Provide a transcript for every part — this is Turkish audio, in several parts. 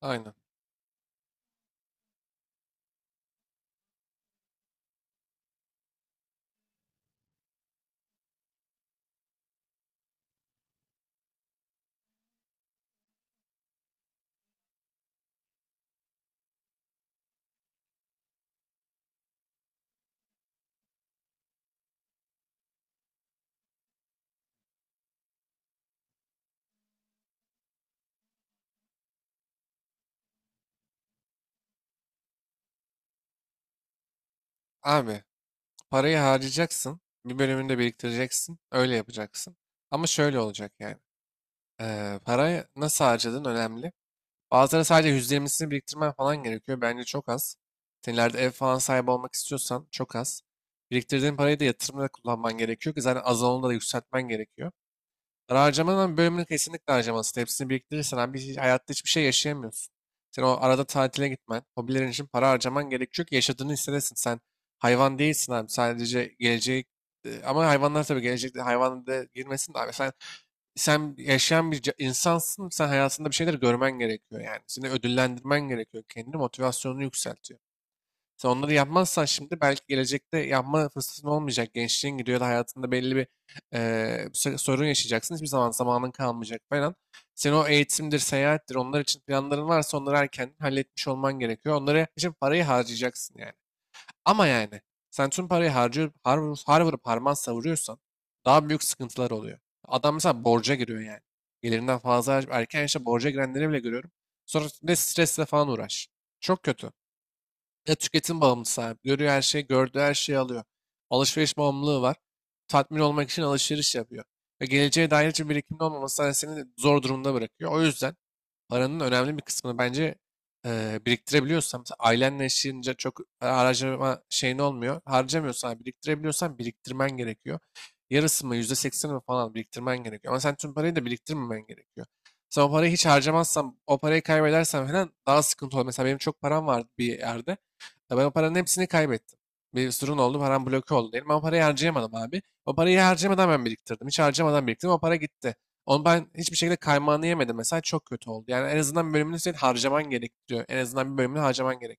Aynen. Abi parayı harcayacaksın. Bir bölümünü de biriktireceksin. Öyle yapacaksın. Ama şöyle olacak yani. Parayı nasıl harcadığın önemli. Bazıları sadece %20'sini biriktirmen falan gerekiyor. Bence çok az. Sen ileride ev falan sahibi olmak istiyorsan çok az. Biriktirdiğin parayı da yatırımda kullanman gerekiyor ki zaten az olanı da yükseltmen gerekiyor. Harcamanın bölümünü kesinlikle harcamalısın. Hepsini biriktirirsen abi hayatta hiçbir şey yaşayamıyorsun. Sen o arada tatile gitmen, hobilerin için para harcaman gerekiyor ki yaşadığını hissedesin. Sen hayvan değilsin abi. Sadece gelecek ama hayvanlar tabii gelecekte hayvan da girmesin de abi. Sen yaşayan bir insansın. Sen hayatında bir şeyler görmen gerekiyor yani. Seni ödüllendirmen gerekiyor. Kendi motivasyonunu yükseltiyor. Sen onları yapmazsan şimdi belki gelecekte yapma fırsatın olmayacak. Gençliğin gidiyor da hayatında belli bir sorun yaşayacaksın. Hiçbir zaman zamanın kalmayacak falan. Senin o eğitimdir, seyahattir, onlar için planların varsa onları erken halletmiş olman gerekiyor. Onlara için parayı harcayacaksın yani. Ama yani sen tüm parayı harcıyor, har vurup harman savuruyorsan daha büyük sıkıntılar oluyor. Adam mesela borca giriyor yani. Gelirinden fazla harcayıp erken yaşta borca girenleri bile görüyorum. Sonra ne stresle falan uğraş. Çok kötü. Ya tüketim bağımlısı abi. Görüyor her şeyi, gördüğü her şeyi alıyor. Alışveriş bağımlılığı var. Tatmin olmak için alışveriş yapıyor. Ve geleceğe dair hiçbir birikimin olmaması hani seni zor durumda bırakıyor. O yüzden paranın önemli bir kısmını bence biriktirebiliyorsan, mesela ailenle yaşayınca çok harcama şeyin olmuyor. Harcamıyorsan, biriktirebiliyorsan biriktirmen gerekiyor. Yarısı mı, %80 mi falan biriktirmen gerekiyor. Ama sen tüm parayı da biriktirmemen gerekiyor. Sen o parayı hiç harcamazsan, o parayı kaybedersen falan daha sıkıntı olur. Mesela benim çok param vardı bir yerde. Ya ben o paranın hepsini kaybettim. Bir sorun oldu, param bloke oldu diyelim. Ben o parayı harcayamadım abi. O parayı harcamadan ben biriktirdim. Hiç harcamadan biriktirdim, o para gitti. Onu ben hiçbir şekilde kaymağını yemedim. Mesela çok kötü oldu. Yani en azından bir bölümünü senin harcaman gerekiyor. En azından bir bölümünü harcaman gerek.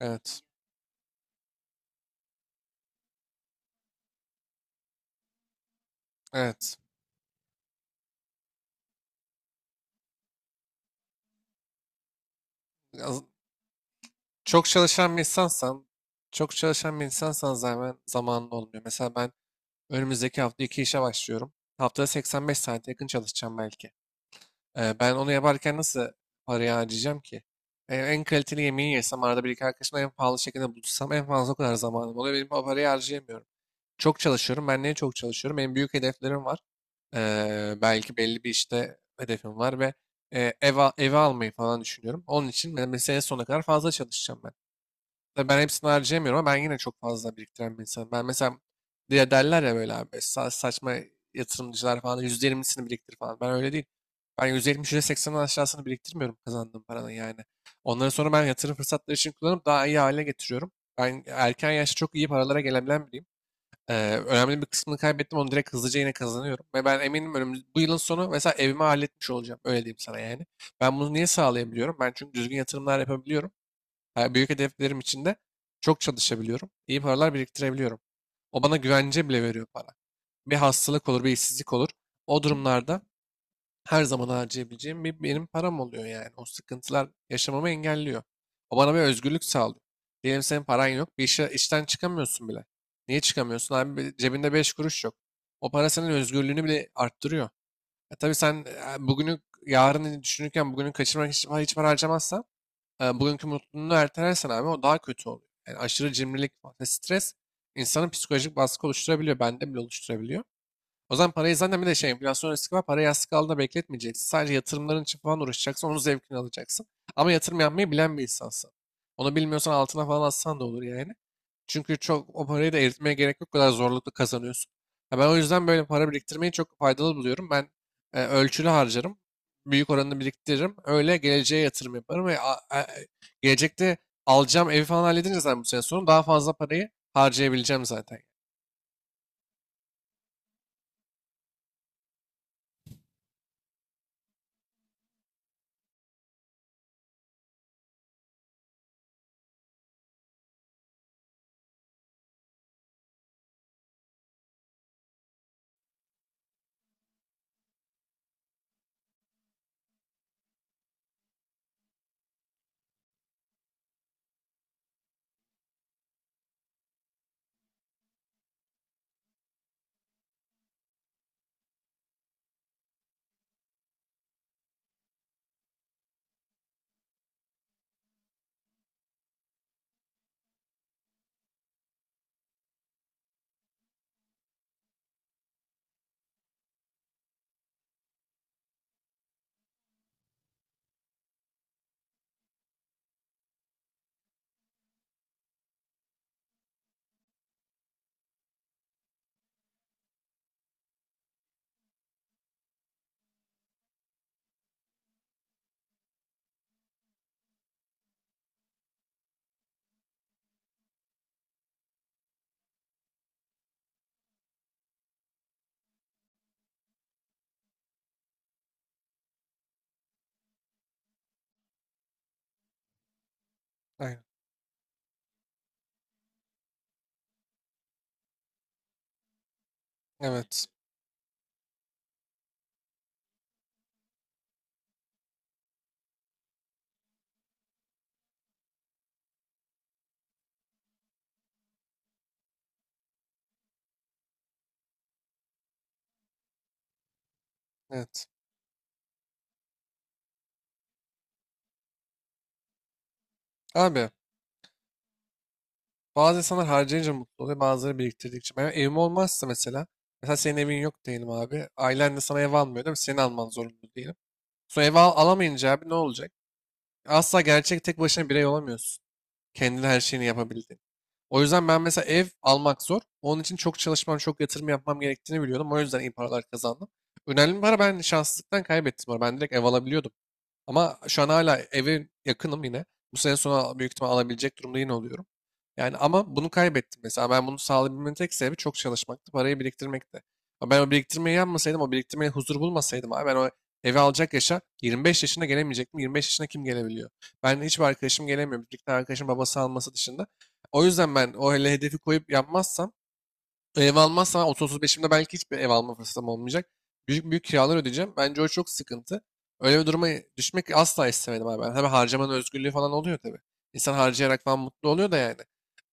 Evet, evet. Az- Çok çalışan bir insansan, çok çalışan bir insansan zaten zamanın olmuyor. Mesela ben önümüzdeki hafta iki işe başlıyorum. Haftada 85 saate yakın çalışacağım belki. Ben onu yaparken nasıl parayı harcayacağım ki? En kaliteli yemeği yesem, arada bir iki arkadaşımla en pahalı şekilde buluşsam en fazla o kadar zamanım oluyor. Benim o parayı harcayamıyorum. Çok çalışıyorum. Ben niye çok çalışıyorum? Benim büyük hedeflerim var. Belki belli bir işte hedefim var ve evi almayı falan düşünüyorum. Onun için ben mesela sene sonuna kadar fazla çalışacağım ben. Tabii ben hepsini harcayamıyorum ama ben yine çok fazla biriktiren bir insanım. Ben mesela diye derler ya böyle abi saçma yatırımcılar falan %20'sini biriktir falan. Ben öyle değil. Ben %70, 80'in aşağısını biriktirmiyorum kazandığım paranın yani. Onları sonra ben yatırım fırsatları için kullanıp daha iyi hale getiriyorum. Ben erken yaşta çok iyi paralara gelebilen biriyim. Ee, önemli bir kısmını kaybettim onu direkt hızlıca yine kazanıyorum. Ve ben eminim bu yılın sonu mesela evimi halletmiş olacağım. Öyle diyeyim sana yani. Ben bunu niye sağlayabiliyorum? Ben çünkü düzgün yatırımlar yapabiliyorum. Ha, büyük hedeflerim için de çok çalışabiliyorum. İyi paralar biriktirebiliyorum. O bana güvence bile veriyor para. Bir hastalık olur, bir işsizlik olur. O durumlarda her zaman harcayabileceğim bir benim param oluyor yani. O sıkıntılar yaşamamı engelliyor. O bana bir özgürlük sağlıyor. Diyelim senin paran yok, bir işe, işten çıkamıyorsun bile. Niye çıkamıyorsun? Abi cebinde 5 kuruş yok. O para senin özgürlüğünü bile arttırıyor. E tabii sen bugünü, yarını düşünürken bugünü kaçırmak için hiç para harcamazsan bugünkü mutluluğunu ertelersen abi o daha kötü oluyor. Yani aşırı cimrilik ve stres insanın psikolojik baskı oluşturabiliyor. Bende bile oluşturabiliyor. O zaman parayı zaten bir de şey enflasyon riski var. Parayı yastık altında bekletmeyeceksin. Sadece yatırımların için falan uğraşacaksın. Onun zevkini alacaksın. Ama yatırım yapmayı bilen bir insansın. Onu bilmiyorsan altına falan atsan da olur yani. Çünkü çok o parayı da eritmeye gerek yok. O kadar zorlukla kazanıyorsun. Ya ben o yüzden böyle para biriktirmeyi çok faydalı buluyorum. Ben ölçülü harcarım. Büyük oranını biriktiririm. Öyle geleceğe yatırım yaparım ve gelecekte alacağım evi falan halledince zaten bu sene sonra daha fazla parayı harcayabileceğim zaten. Aynen. Evet. Evet. Abi bazı insanlar harcayınca mutlu oluyor, bazıları biriktirdikçe. Benim evim olmazsa mesela, mesela senin evin yok diyelim abi. Ailen de sana ev almıyor değil mi? Senin alman zorunda diyelim. Sonra ev alamayınca abi ne olacak? Asla gerçek tek başına birey olamıyorsun. Kendine her şeyini yapabildin. O yüzden ben mesela ev almak zor. Onun için çok çalışmam, çok yatırım yapmam gerektiğini biliyordum. O yüzden iyi paralar kazandım. Önemli bir para ben şanssızlıktan kaybettim orada. Ben direkt ev alabiliyordum. Ama şu an hala eve yakınım yine. Bu sene sonu büyük ihtimal alabilecek durumda yine oluyorum. Yani ama bunu kaybettim mesela. Ben bunu sağlayabilmemin tek sebebi çok çalışmaktı. Parayı biriktirmekti. Ama ben o biriktirmeyi yapmasaydım, o biriktirmeye huzur bulmasaydım abi ben o evi alacak yaşa 25 yaşında gelemeyecektim. 25 yaşına kim gelebiliyor? Ben hiçbir arkadaşım gelemiyor. Bir iki tane arkadaşım babası alması dışında. O yüzden ben o hele hedefi koyup yapmazsam ev almazsam 30 beşimde belki hiçbir ev alma fırsatım olmayacak. Büyük büyük kiralar ödeyeceğim. Bence o çok sıkıntı. Öyle bir duruma düşmek asla istemedim abi. Ben. Tabii harcamanın özgürlüğü falan oluyor tabii. İnsan harcayarak falan mutlu oluyor da yani.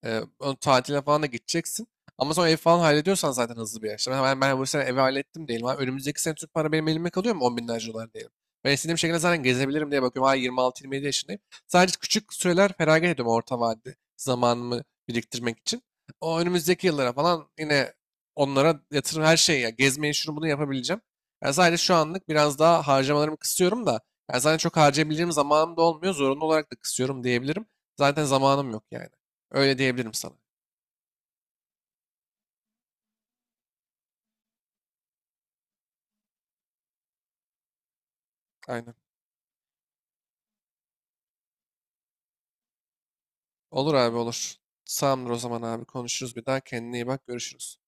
O tatile falan da gideceksin. Ama sonra ev falan hallediyorsan zaten hızlı bir yaşta. Ben bu sene evi hallettim diyelim abi. Önümüzdeki sene Türk para benim elime kalıyor mu? 10 binlerce dolar diyelim. Ben istediğim şekilde zaten gezebilirim diye bakıyorum. Hala 26-27 yaşındayım. Sadece küçük süreler feragat ediyorum orta vadede zamanımı biriktirmek için. O önümüzdeki yıllara falan yine onlara yatırım her şeyi ya gezmeyi şunu bunu yapabileceğim. Yani sadece şu anlık biraz daha harcamalarımı kısıyorum da yani zaten çok harcayabileceğim zamanım da olmuyor. Zorunlu olarak da kısıyorum diyebilirim. Zaten zamanım yok yani. Öyle diyebilirim sana. Aynen. Olur abi olur. Sağımdır o zaman abi. Konuşuruz bir daha. Kendine iyi bak. Görüşürüz.